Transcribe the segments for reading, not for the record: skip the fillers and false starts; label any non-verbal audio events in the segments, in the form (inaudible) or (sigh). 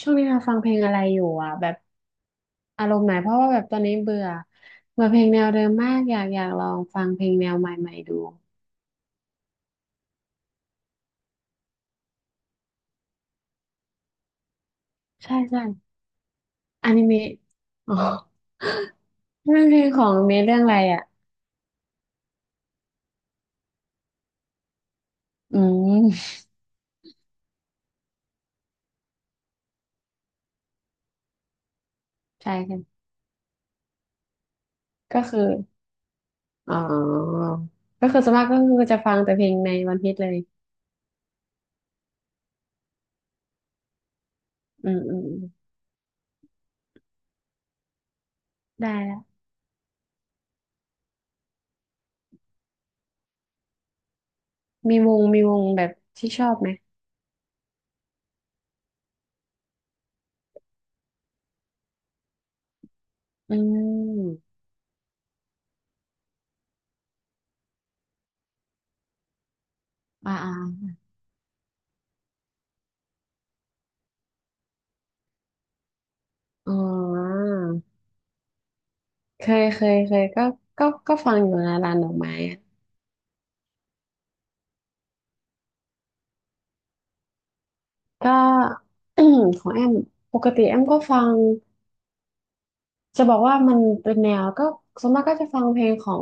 ช่วงนี้เราฟังเพลงอะไรอยู่อ่ะแบบอารมณ์ไหนเพราะว่าแบบตอนนี้เบื่อเบื่อเพลงแนวเดิมมากอยากอยากลองฟังเพลงแนวใหม่ๆดูใช่ใช่อนิเมะอ๋อ (laughs) นั่นเพลงของอนิเมะเรื่องอะไรอ่ะอืมใช่ใช่ก็คืออ๋อก็คือส่วนมากก็คือจะฟังแต่เพลงในวันพีซเลยอืมอืมอืมได้ละมีวงมีวงแบบที่ชอบไหมอืมอ่าอ่าอ๋อ เคยเคยเคยก็ก็ฟังอยู่นะร้านดอกไม้อะก็ (clears throat) ของแอม ปกติแอมก็ฟังจะบอกว่ามันเป็นแนวก็ส่วนมากก็จะฟังเพลงของ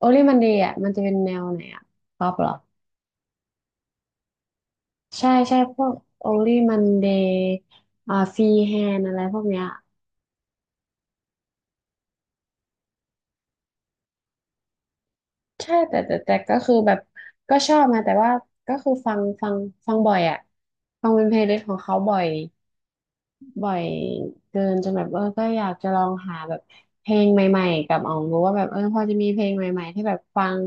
Only Monday อ่ะมันจะเป็นแนวไหนอ่ะป๊อปเหรอ ใช่ใช่พวก Only Monday อ่า Free Hand อะไรพวกเนี้ยใช่แต่ก็คือแบบก็ชอบนะแต่ว่าก็คือฟังฟังบ่อยอ่ะ ฟังเป็นเพลย์ลิสต์ของเขาบ่อย บ่อยเกินจนแบบเออก็อยากจะลองหาแบบเพลงใหม่ๆกับอองรู้ว่าแบบเออพอจะมีเพลงใหม่ๆที่แบบฟัง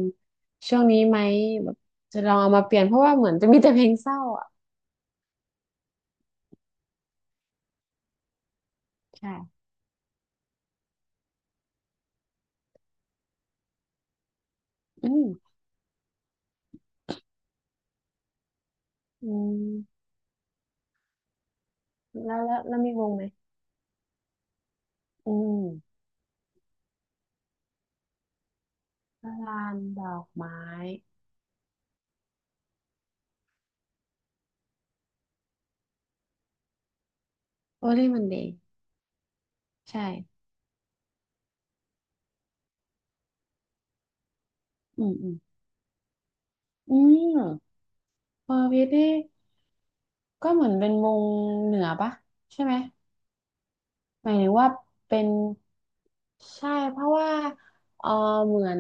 ช่วงนี้ไหมแบบจะลองเอามาเปลี่ยนเพราะว่าเหมือนจะมีแต่เพลงเศร้าอ่ะใช่อืมอืมแล้วมีวงไหมอืมลานดอกไม้โอเล่มันดีใช่อืมอืมอืมเปอร์พีนี่ก็เหมือนเป็นวงเหนือปะใช่ไหมหมายถึงว่าเป็น ใช่เพราะว่าเออเหมือน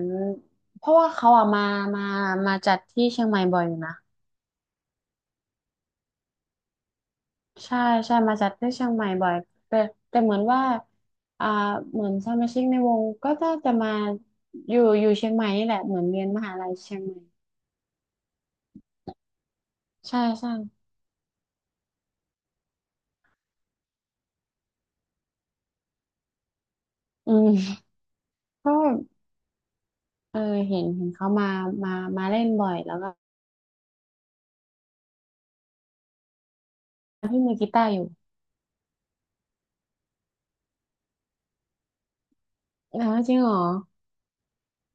เพราะว่าเขาอะมามาจัดที่เชียงใหม่บ่อยอยู่นะใช่ใช่มาจัดที่เชียงใหม่บ่อยแต่แต่เหมือนว่าอ่าเหมือนสมาชิกในวงก็น่าจะมาอยู่เชียงใหม่นี่แหละเหมือนเรียนมหาลัยเชียงใหม่ใช่ใช่อืมก็เออเห็นเขามามาเล่นบ่อยแล้วก็พี่มือกีตาร์อยู่แล้วจริงเหรอ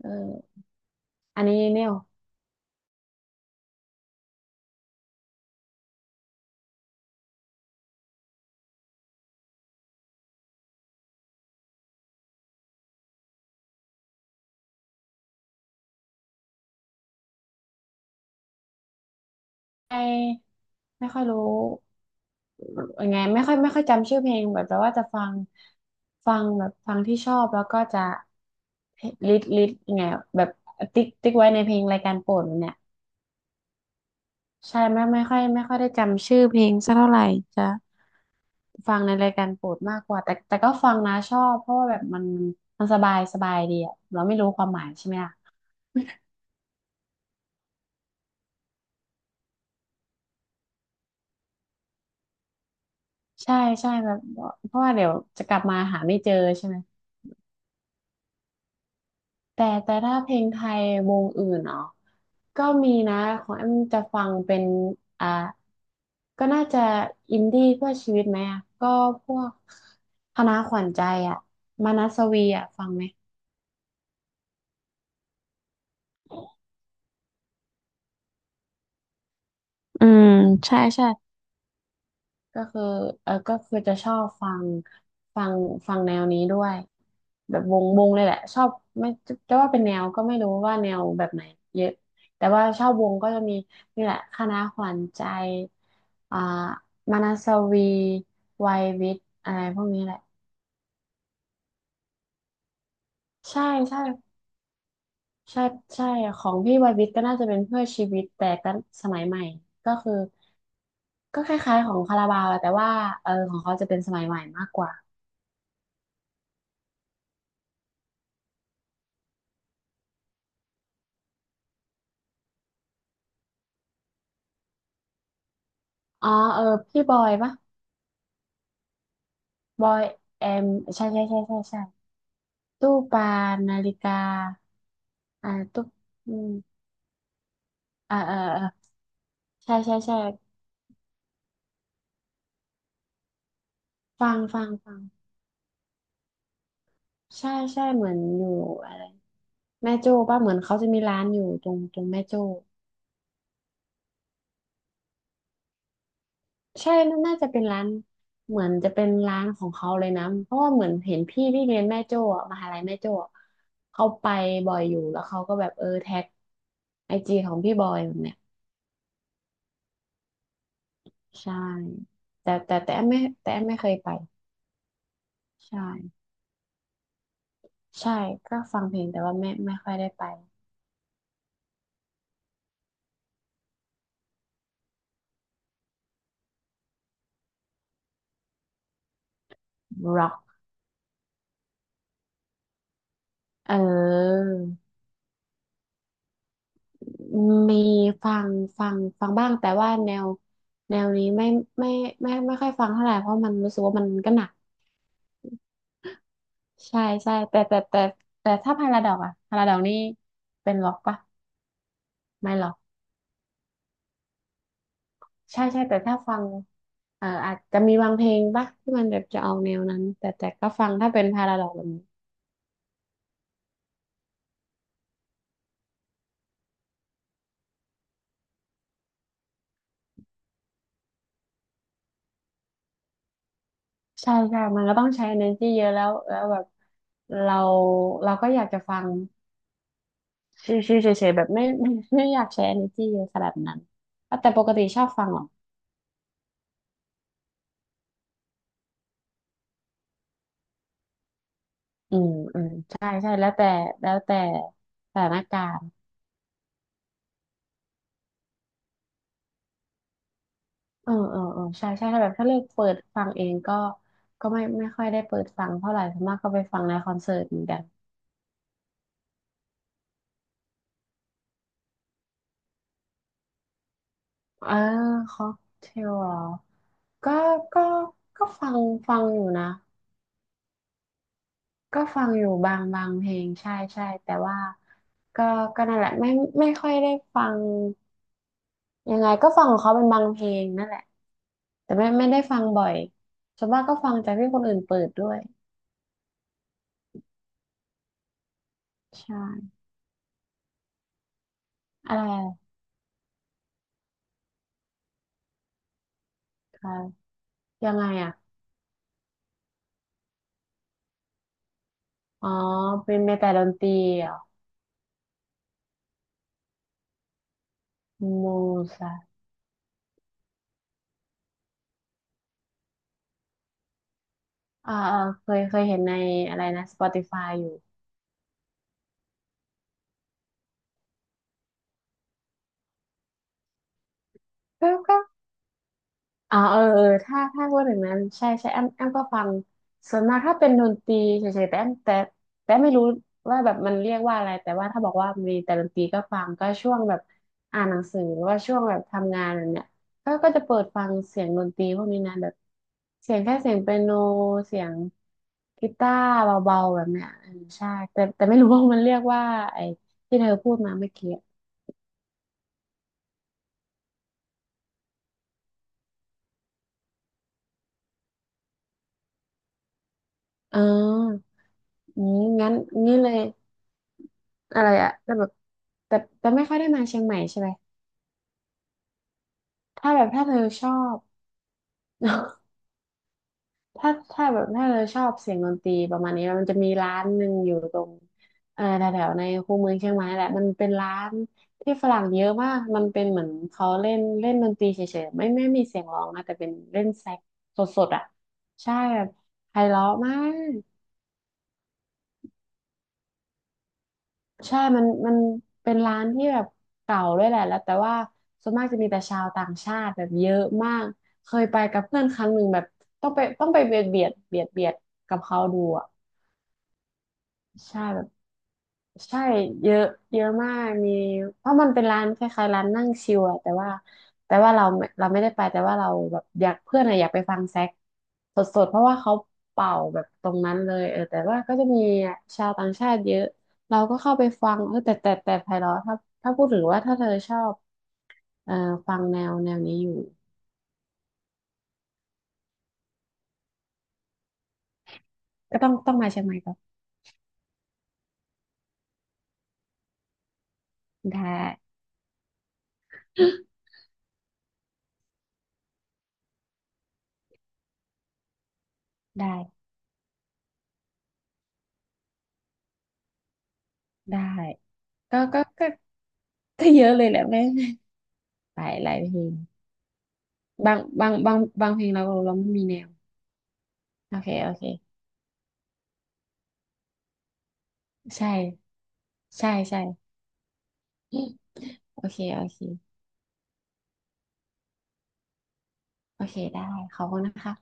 เอออันนี้เนี่ยไม่ไม่ค่อยรู้ ยังไงไม่ค่อยจำชื่อเพลงแบบแต่ว่าจะฟังแบบฟังที่ชอบแล้วก็จะลิดยังไงแบบติ๊กไว้ในเพลงรายการโปรดมันเนี่ยใช่ไม่ค่อยได้จำชื่อเพลงสักเท่าไหร่จะฟังในรายการโปรดมากกว่าแต่ก็ฟังนะชอบเพราะว่าแบบมันมันสบายดีอะเราไม่รู้ความหมายใช่ไหมล่ะใช่ใช่แบบเพราะว่าเดี๋ยวจะกลับมาหาไม่เจอใช่ไหม แต่ถ้าเพลงไทยวงอื่นเนาะก็มีนะของแอมจะฟังเป็นอ่าก็น่าจะอินดี้เพื่อชีวิตไหมอ่ะก็พวกคณะขวัญใจอ่ะมานัสวีอ่ะฟังไหมอืมใช่ใช่ ก็คือเออก็คือจะชอบฟังฟังแนวนี้ด้วยแบบวงเลยแหละชอบไม่จะว่าเป็นแนวก็ไม่รู้ว่าแนวแบบไหนเยอะแต่ว่าชอบวงก็จะมีนี่แหละคณะขวัญใจอ่ามานาสวีวัยวิทย์อะไรพวกนี้แหละใช่ใช่ใช่ใช่ของพี่วัยวิทย์ก็น่าจะเป็นเพื่อชีวิตแต่ก็สมัยใหม่ก็คือก็คล้ายๆของคาราบาวอะแต่ว่าเออของเขาจะเป็นสมัยใหม่มากกว่าอ๋อเออพี่บอยปะ บอยแอมใช่ใช่ใช่ใช่ใช่ตู้ปลานาฬิกาอ่าตู้อืมอ่าเออเออใช่ใช่ใช่ฟังฟังใช่ใช่เหมือนอยู่อะไรแม่โจ้ป่ะเหมือนเขาจะมีร้านอยู่ตรงแม่โจ้ใช่น่าจะเป็นร้านเหมือนจะเป็นร้านของเขาเลยนะเพราะว่าเหมือนเห็นพี่ที่เรียนแม่โจ้อะมหาลัยแม่โจ้อะเขาไปบ่อยอยู่แล้วเขาก็แบบเออแท็กไอจีของพี่บอยแบบเนี้ยใช่แต่แอมไม่เคยไปใช่ ใช่ก็ฟังเพลงแต่ว่าไม่ค่อยได้ไปร็อกเออมีฟังฟังฟังบ้างแต่ว่าแนวนี้ไม่ไม่ค่อยฟังเท่าไหร่เพราะมันรู้สึกว่ามันก็หนักใช่ใช่แต่แต่ถ้าพาราดอกอะพาราดอกนี่เป็นร็อกปะไม่ห็อกใช่ใช่แต่ถ้าฟังเอออาจจะมีบางเพลงปะที่มันแบบจะออกแนวนั้นแต่ก็ฟังถ้าเป็นพาราดอกแบบนี้ใช่ใช่มันก็ต้องใช้ energy เยอะแล้วแบบเราเราก็อยากจะฟัง ชิวๆเฉยๆแบบไม่ (laughs) ไม่อยากใช้ energy เยอะขนาดนั้นอ่ะแต่ปกติชอบฟังเหรออืมอืมใช่ใช่แล้วแต่แล้วแต่สถานการณ์เออเออเออใช่ใช่ถ้าแบบถ้าเลือกเปิดฟังเองก็ก็ไม่ไม่ค่อยได้เปิดฟังเท่าไหร่ส่วนมากก็ไปฟังในคอนเสิร์ตเหมือนกันเออค็อกเทลเหรอก็ก็ก็ฟังฟังอยู่นะก็ฟังอยู่บางเพลงใช่ใช่แต่ว่าก็ก็นั่นแหละไม่ไม่ค่อยได้ฟัง ยังไงก็ฟังของเขาเป็นบางเพลงนั่นแหละแต่ไม่ไม่ได้ฟังบ่อยส่วนมากก็ฟังจากที่คนอื่นเปิดด้วยใช่อะไรคะยังไงอ่ะอ๋อเป็นเมแต่ดนตรีเหรอโมซาอ่าอ่าเคยเคยเห็นในอะไรนะ Spotify อยู่ก็ก็ เออเออถ้าถ้าพูดถึงนั้นใช่ใช่แอมแอมก็ฟังส่วนมากถ้าเป็นดนตรีเฉยๆแต่แอมแต่แต่ไม่รู้ว่าแบบมันเรียกว่าอะไรแต่ว่าถ้าบอกว่ามีแต่ดนตรีก็ฟังก็ช่วงแบบอ่านหนังสือหรือว่าช่วงแบบทำงานแบบเนี่ยก็ก็จะเปิดฟังเสียงดนตรีพวกนี้นะแบบเสียงแค่เสียงเปียโนเสียงกีตาร์เบาๆแบบเนี้ยเออใช่แต่แต่ไม่รู้ว่ามันเรียกว่าไอ้ที่เธอพูดมาเมื่อกี้อเอออืมงั้นงี้เลย อะไรอะแต่แบบแต่แต่ไม่ค่อยได้มาเชียงใหม่ใช่ไหมถ้าแบบถ้าเธอชอบ (laughs) ถ้าถ้าแบบถ้าเธอชอบเสียงดนตรีประมาณนี้มันจะมีร้านหนึ่งอยู่ตรงแถวๆในคูเมืองเชียงใหม่นั่นแหละมันเป็นร้านที่ฝรั่งเยอะมากมันเป็นเหมือนเขาเล่นเล่นดนตรีเฉยๆไม่ไม่มีเสียงร้องนะแต่เป็นเล่นแซกสดๆอ่ะใช่แบบไพเราะมาก ใช่มันเป็นร้านที่แบบเก่าด้วยแหละแล้วแต่ว่าส่วนมากจะมีแต่ชาวต่างชาติแบบเยอะมาก เคยไปกับเพื่อนครั้งหนึ่งแบบต้องไปเบียดกับเขาดูอ่ะใช่แบบ ใช่เยอะเยอะมากมีเพราะมันเป็นร้านคล้ายๆร้านนั่งชิลอะแต่ว่าแต่ว่าเราไม่ได้ไปแต่ว่าเราแบบอยากเพื่อนอะอยากไปฟังแซกสดๆเพราะว่าเขาเป่าแบบตรงนั้นเลยเออแต่ว่าก็จะมีชาวต่างชาติเยอะเราก็เข้าไปฟังเออแต่แต่แต่ไพเราะถ้าถ้าพูดถึงว่าถ้าเธอชอบเอ่อฟังแนวแนวนี้อยู่ก็ต้องมาเชียงใหม่ก็ได้ (laughs) ได้ได้ก็ก็ก็ก็เยอะเลยแหละแม่ไปหลายเพลง บางเพลงเราไม่มีแนวโอเคโอเคใช่ใช่ใช่ (laughs) โอเคโอเคโอเคได้ขอบคุณนะคะ